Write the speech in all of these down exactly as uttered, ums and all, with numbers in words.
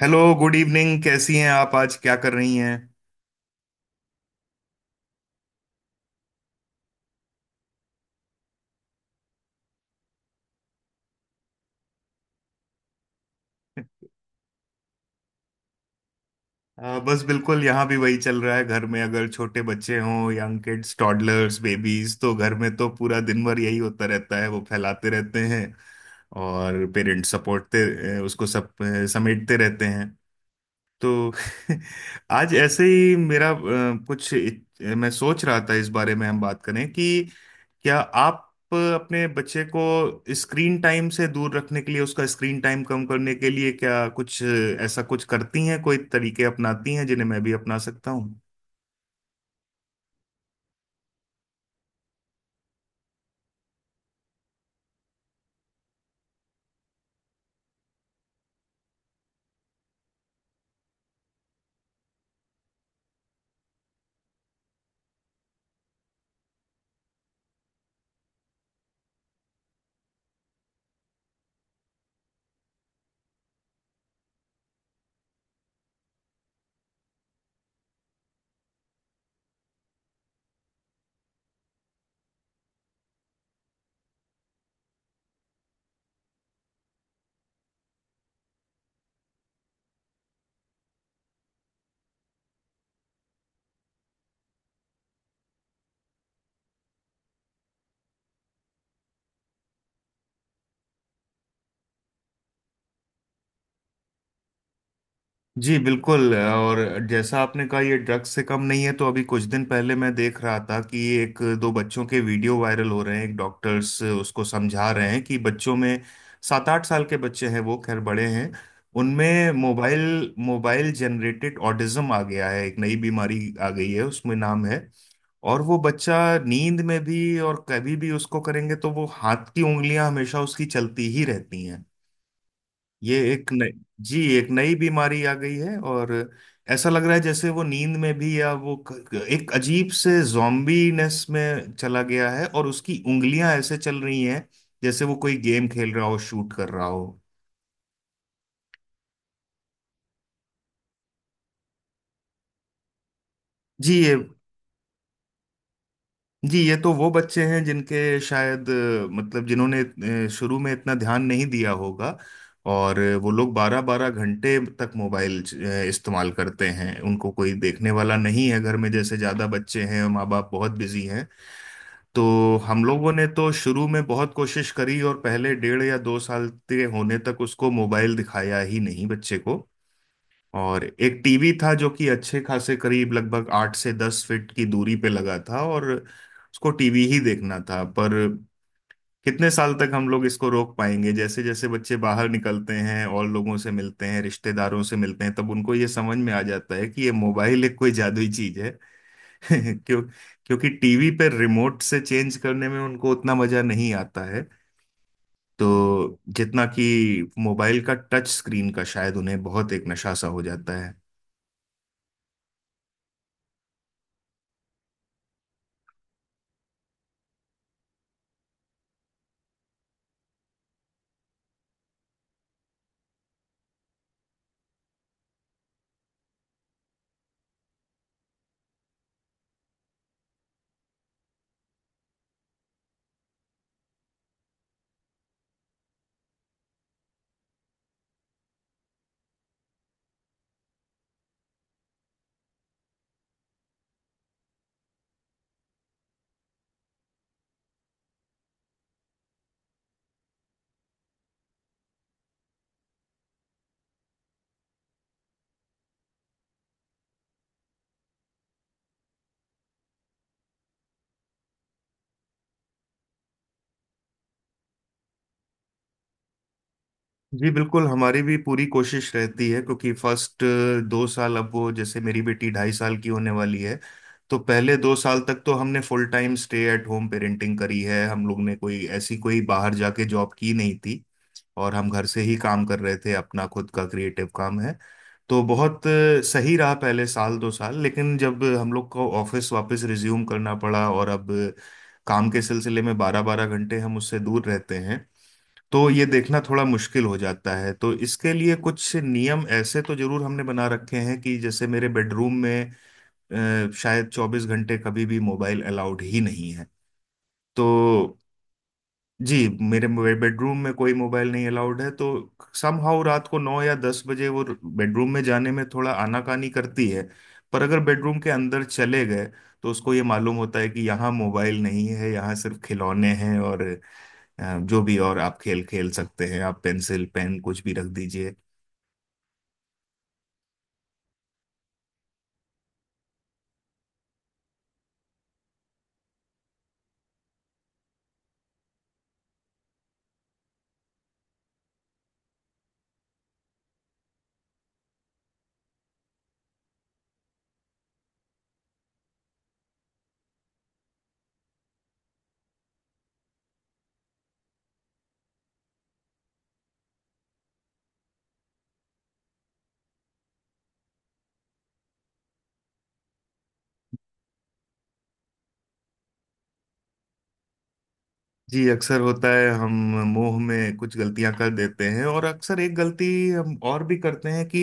Hello, good evening. कैसी हैं आप? आज क्या कर रही हैं? अ, बस बिल्कुल यहाँ भी वही चल रहा है। घर में अगर छोटे बच्चे हों, यंग किड्स, टॉडलर्स, बेबीज, तो घर में तो पूरा दिन भर यही होता रहता है। वो फैलाते रहते हैं और पेरेंट्स सपोर्टते उसको, सब अ, समेटते रहते हैं तो आज ऐसे ही मेरा अ, कुछ इत- मैं सोच रहा था इस बारे में हम बात करें कि क्या आप अपने बच्चे को स्क्रीन टाइम से दूर रखने के लिए, उसका स्क्रीन टाइम कम करने के लिए क्या कुछ अ, ऐसा कुछ करती हैं, कोई तरीके अपनाती हैं जिन्हें मैं भी अपना सकता हूँ। जी बिल्कुल। और जैसा आपने कहा ये ड्रग्स से कम नहीं है, तो अभी कुछ दिन पहले मैं देख रहा था कि एक दो बच्चों के वीडियो वायरल हो रहे हैं। एक डॉक्टर्स उसको समझा रहे हैं कि बच्चों में, सात आठ साल के बच्चे हैं वो खैर बड़े हैं, उनमें मोबाइल मोबाइल जनरेटेड ऑटिज्म आ गया है। एक नई बीमारी आ गई है उसमें नाम है। और वो बच्चा नींद में भी और कभी भी उसको करेंगे तो वो हाथ की उंगलियां हमेशा उसकी चलती ही रहती। ये एक नई, जी एक नई बीमारी आ गई है। और ऐसा लग रहा है जैसे वो नींद में भी, या वो क- एक अजीब से जॉम्बीनेस में चला गया है और उसकी उंगलियां ऐसे चल रही हैं जैसे वो कोई गेम खेल रहा हो, शूट कर रहा हो। जी ये जी ये तो वो बच्चे हैं जिनके शायद अ, मतलब जिन्होंने अ, शुरू में इतना ध्यान नहीं दिया होगा। और अ, वो लोग बारह बारह घंटे तक मोबाइल च- अ, इस्तेमाल करते हैं। उनको कोई देखने वाला नहीं है घर में, जैसे ज़्यादा बच्चे हैं और माँ बाप बहुत बिजी हैं। तो हम लोगों ने तो शुरू में बहुत कोशिश करी और पहले डेढ़ या दो साल के होने तक उसको मोबाइल दिखाया ही नहीं बच्चे को। और एक टीवी था जो कि अच्छे खासे करीब लगभग आठ से दस फीट की दूरी पे लगा था, और उसको टीवी ही देखना था। पर कितने साल तक हम लोग इसको रोक पाएंगे? जैसे जैसे बच्चे बाहर निकलते हैं और लोगों से मिलते हैं, रिश्तेदारों से मिलते हैं, तब उनको ये समझ में आ जाता है कि ये मोबाइल एक कोई जादुई चीज है। क्यों? क्योंकि टीवी पे रिमोट से चेंज करने में उनको उतना मजा नहीं आता है, तो जितना कि मोबाइल का, टच स्क्रीन का, शायद उन्हें बहुत एक नशा सा हो जाता। जी बिल्कुल, हमारी भी पूरी कोशिश रहती है। क्योंकि फर्स्ट दो साल, अब वो जैसे मेरी बेटी ढाई साल की होने वाली है, तो पहले दो साल तक तो हमने full time stay at home parenting करी है। हम लोग ने कोई ऐसी कोई बाहर जाके जॉब की नहीं थी, और हम घर से ही काम कर रहे थे, अपना खुद का क्रिएटिव काम है। तो बहुत अ, सही रहा पहले साल दो साल। लेकिन जब हम लोग को ऑफिस वापस रिज्यूम करना पड़ा, और अब काम के सिलसिले में बारह बारह घंटे हम उससे दूर रहते हैं, तो ये देखना थोड़ा मुश्किल हो जाता है। तो इसके लिए कुछ नियम ऐसे तो जरूर हमने बना रखे हैं कि जैसे मेरे बेडरूम में अ, शायद चौबीस घंटे कभी भी मोबाइल अलाउड ही नहीं है। तो जी, मेरे बेडरूम में कोई मोबाइल नहीं अलाउड है। तो समहाउ रात को नौ या दस बजे वो बेडरूम में जाने में थोड़ा आनाकानी करती है, पर अगर बेडरूम के अंदर चले गए, तो उसको ये मालूम होता है कि यहाँ मोबाइल नहीं है, यहाँ सिर्फ खिलौने हैं और अ, जो भी, और आप खेल खेल सकते हैं, आप पेंसिल, पेन कुछ भी रख दीजिए। जी अक्सर होता है, हम मोह में कुछ गलतियां कर देते हैं। और अक्सर एक गलती हम और भी करते हैं कि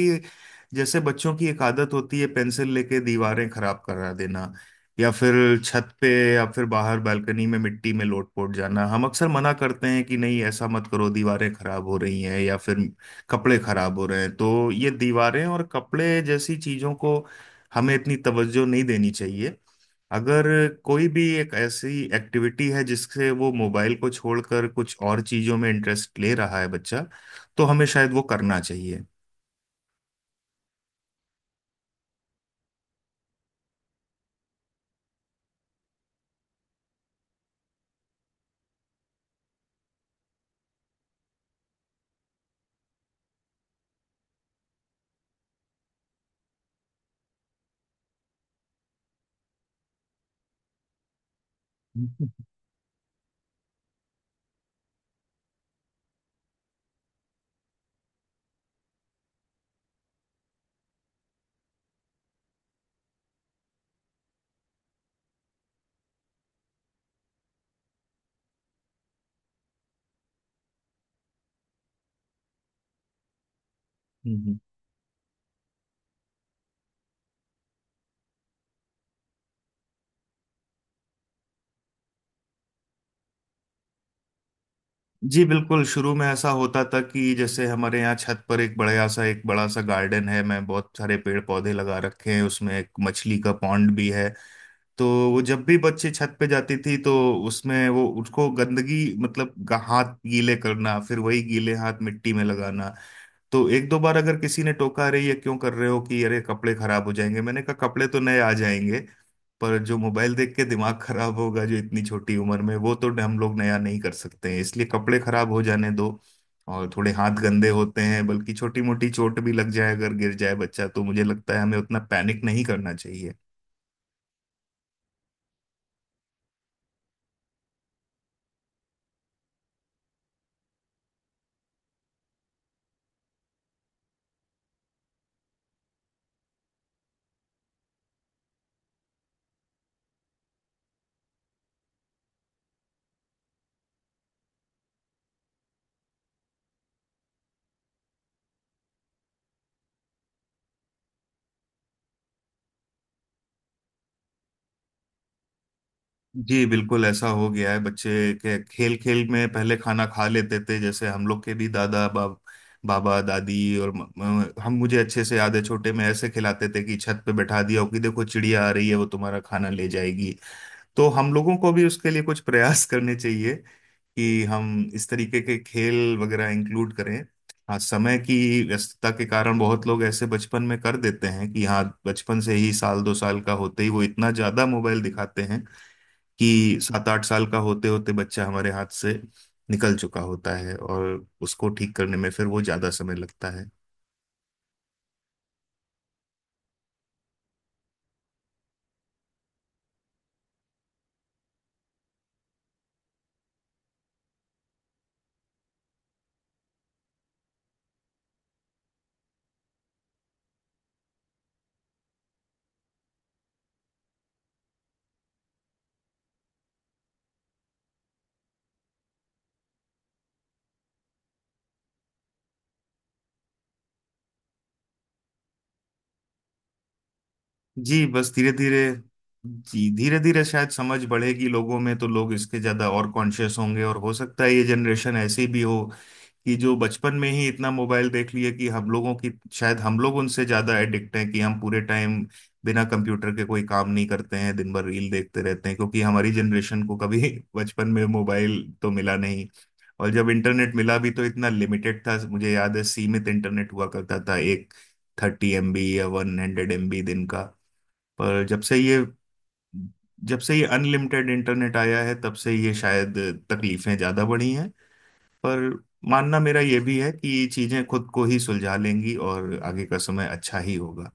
जैसे बच्चों की एक आदत होती है पेंसिल लेके दीवारें खराब करा देना, या फिर छत पे, या फिर बाहर बालकनी में मिट्टी में लोट-पोट जाना। हम अक्सर मना करते हैं कि नहीं ऐसा मत करो, दीवारें खराब हो रही हैं, या फिर कपड़े खराब हो रहे हैं। तो ये दीवारें और कपड़े जैसी चीजों को हमें इतनी तवज्जो नहीं देनी चाहिए। अगर कोई भी एक ऐसी एक्टिविटी है जिससे वो मोबाइल को छोड़कर कुछ और चीजों में इंटरेस्ट ले रहा है बच्चा, तो हमें शायद वो करना चाहिए। हम्म। जी बिल्कुल। शुरू में ऐसा होता था कि जैसे हमारे यहाँ छत पर एक बड़ा सा एक बड़ा सा गार्डन है, मैं बहुत सारे पेड़ पौधे लगा रखे हैं, उसमें एक मछली का पॉन्ड भी है। तो वो जब भी बच्चे छत पे जाती थी, तो उसमें वो उसको गंदगी, मतलब गा- हाथ गीले करना, फिर वही गीले हाथ मिट्टी में लगाना। तो एक दो बार अगर किसी ने टोका, अरे ये क्यों कर रहे हो, कि अरे कपड़े खराब हो जाएंगे, मैंने कहा कपड़े तो नए आ जाएंगे। पर जो मोबाइल देख के दिमाग खराब होगा जो इतनी छोटी उम्र में, वो तो हम लोग नया नहीं कर सकते हैं, इसलिए कपड़े खराब हो जाने दो। और थोड़े हाथ गंदे होते हैं, बल्कि छोटी मोटी चोट भी लग जाए अगर गिर जाए बच्चा, तो मुझे लगता है हमें उतना पैनिक नहीं करना चाहिए। जी बिल्कुल ऐसा हो गया है। बच्चे के खेल खेल में पहले खाना खा लेते थे, जैसे हम लोग के भी दादा बाब बाबा दादी, और म, म- हम, मुझे अच्छे से याद है छोटे में ऐसे खिलाते थे कि छत पे बैठा दिया हो कि देखो चिड़िया आ रही है, वो तुम्हारा खाना ले जाएगी। तो हम लोगों को भी उसके लिए कुछ प्रयास करने चाहिए कि हम इस तरीके के खेल वगैरह इंक्लूड करें। हाँ, समय की व्यस्तता के कारण बहुत लोग ऐसे बचपन में कर देते हैं कि हाँ बचपन से ही, साल दो साल का होते ही वो इतना ज्यादा मोबाइल दिखाते हैं कि सात आठ साल का होते होते बच्चा हमारे हाथ से निकल चुका होता है और उसको ठीक करने में फिर वो ज्यादा समय लगता है। जी बस धीरे धीरे, जी धीरे धीरे शायद समझ बढ़ेगी लोगों में, तो लोग इसके ज्यादा और कॉन्शियस होंगे। और हो सकता है ये जनरेशन ऐसी भी हो कि जो बचपन में ही इतना मोबाइल देख लिए कि, हम लोगों की, शायद हम लोग उनसे ज्यादा एडिक्ट हैं कि हम पूरे टाइम बिना कंप्यूटर के कोई काम नहीं करते हैं, दिन भर रील देखते रहते हैं। क्योंकि हमारी जनरेशन को कभी बचपन में मोबाइल तो मिला नहीं, और जब इंटरनेट मिला भी तो इतना लिमिटेड था, मुझे याद है सीमित इंटरनेट हुआ करता था, एक थर्टी एमबी या वन हंड्रेड एमबी दिन का। पर जब से ये जब से ये अनलिमिटेड इंटरनेट आया है, तब से ये शायद तकलीफें ज़्यादा बढ़ी हैं। पर मानना मेरा ये भी है कि ये चीज़ें खुद को ही सुलझा लेंगी और आगे का समय अच्छा ही होगा।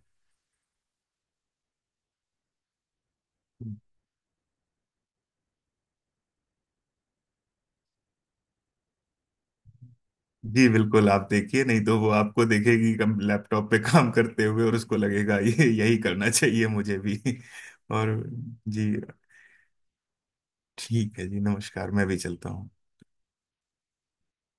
जी बिल्कुल, आप देखिए नहीं तो वो आपको देखेगी कम लैपटॉप पे काम करते हुए और उसको लगेगा ये यही करना चाहिए मुझे भी। और जी, ठीक है जी, नमस्कार। मैं भी चलता हूँ।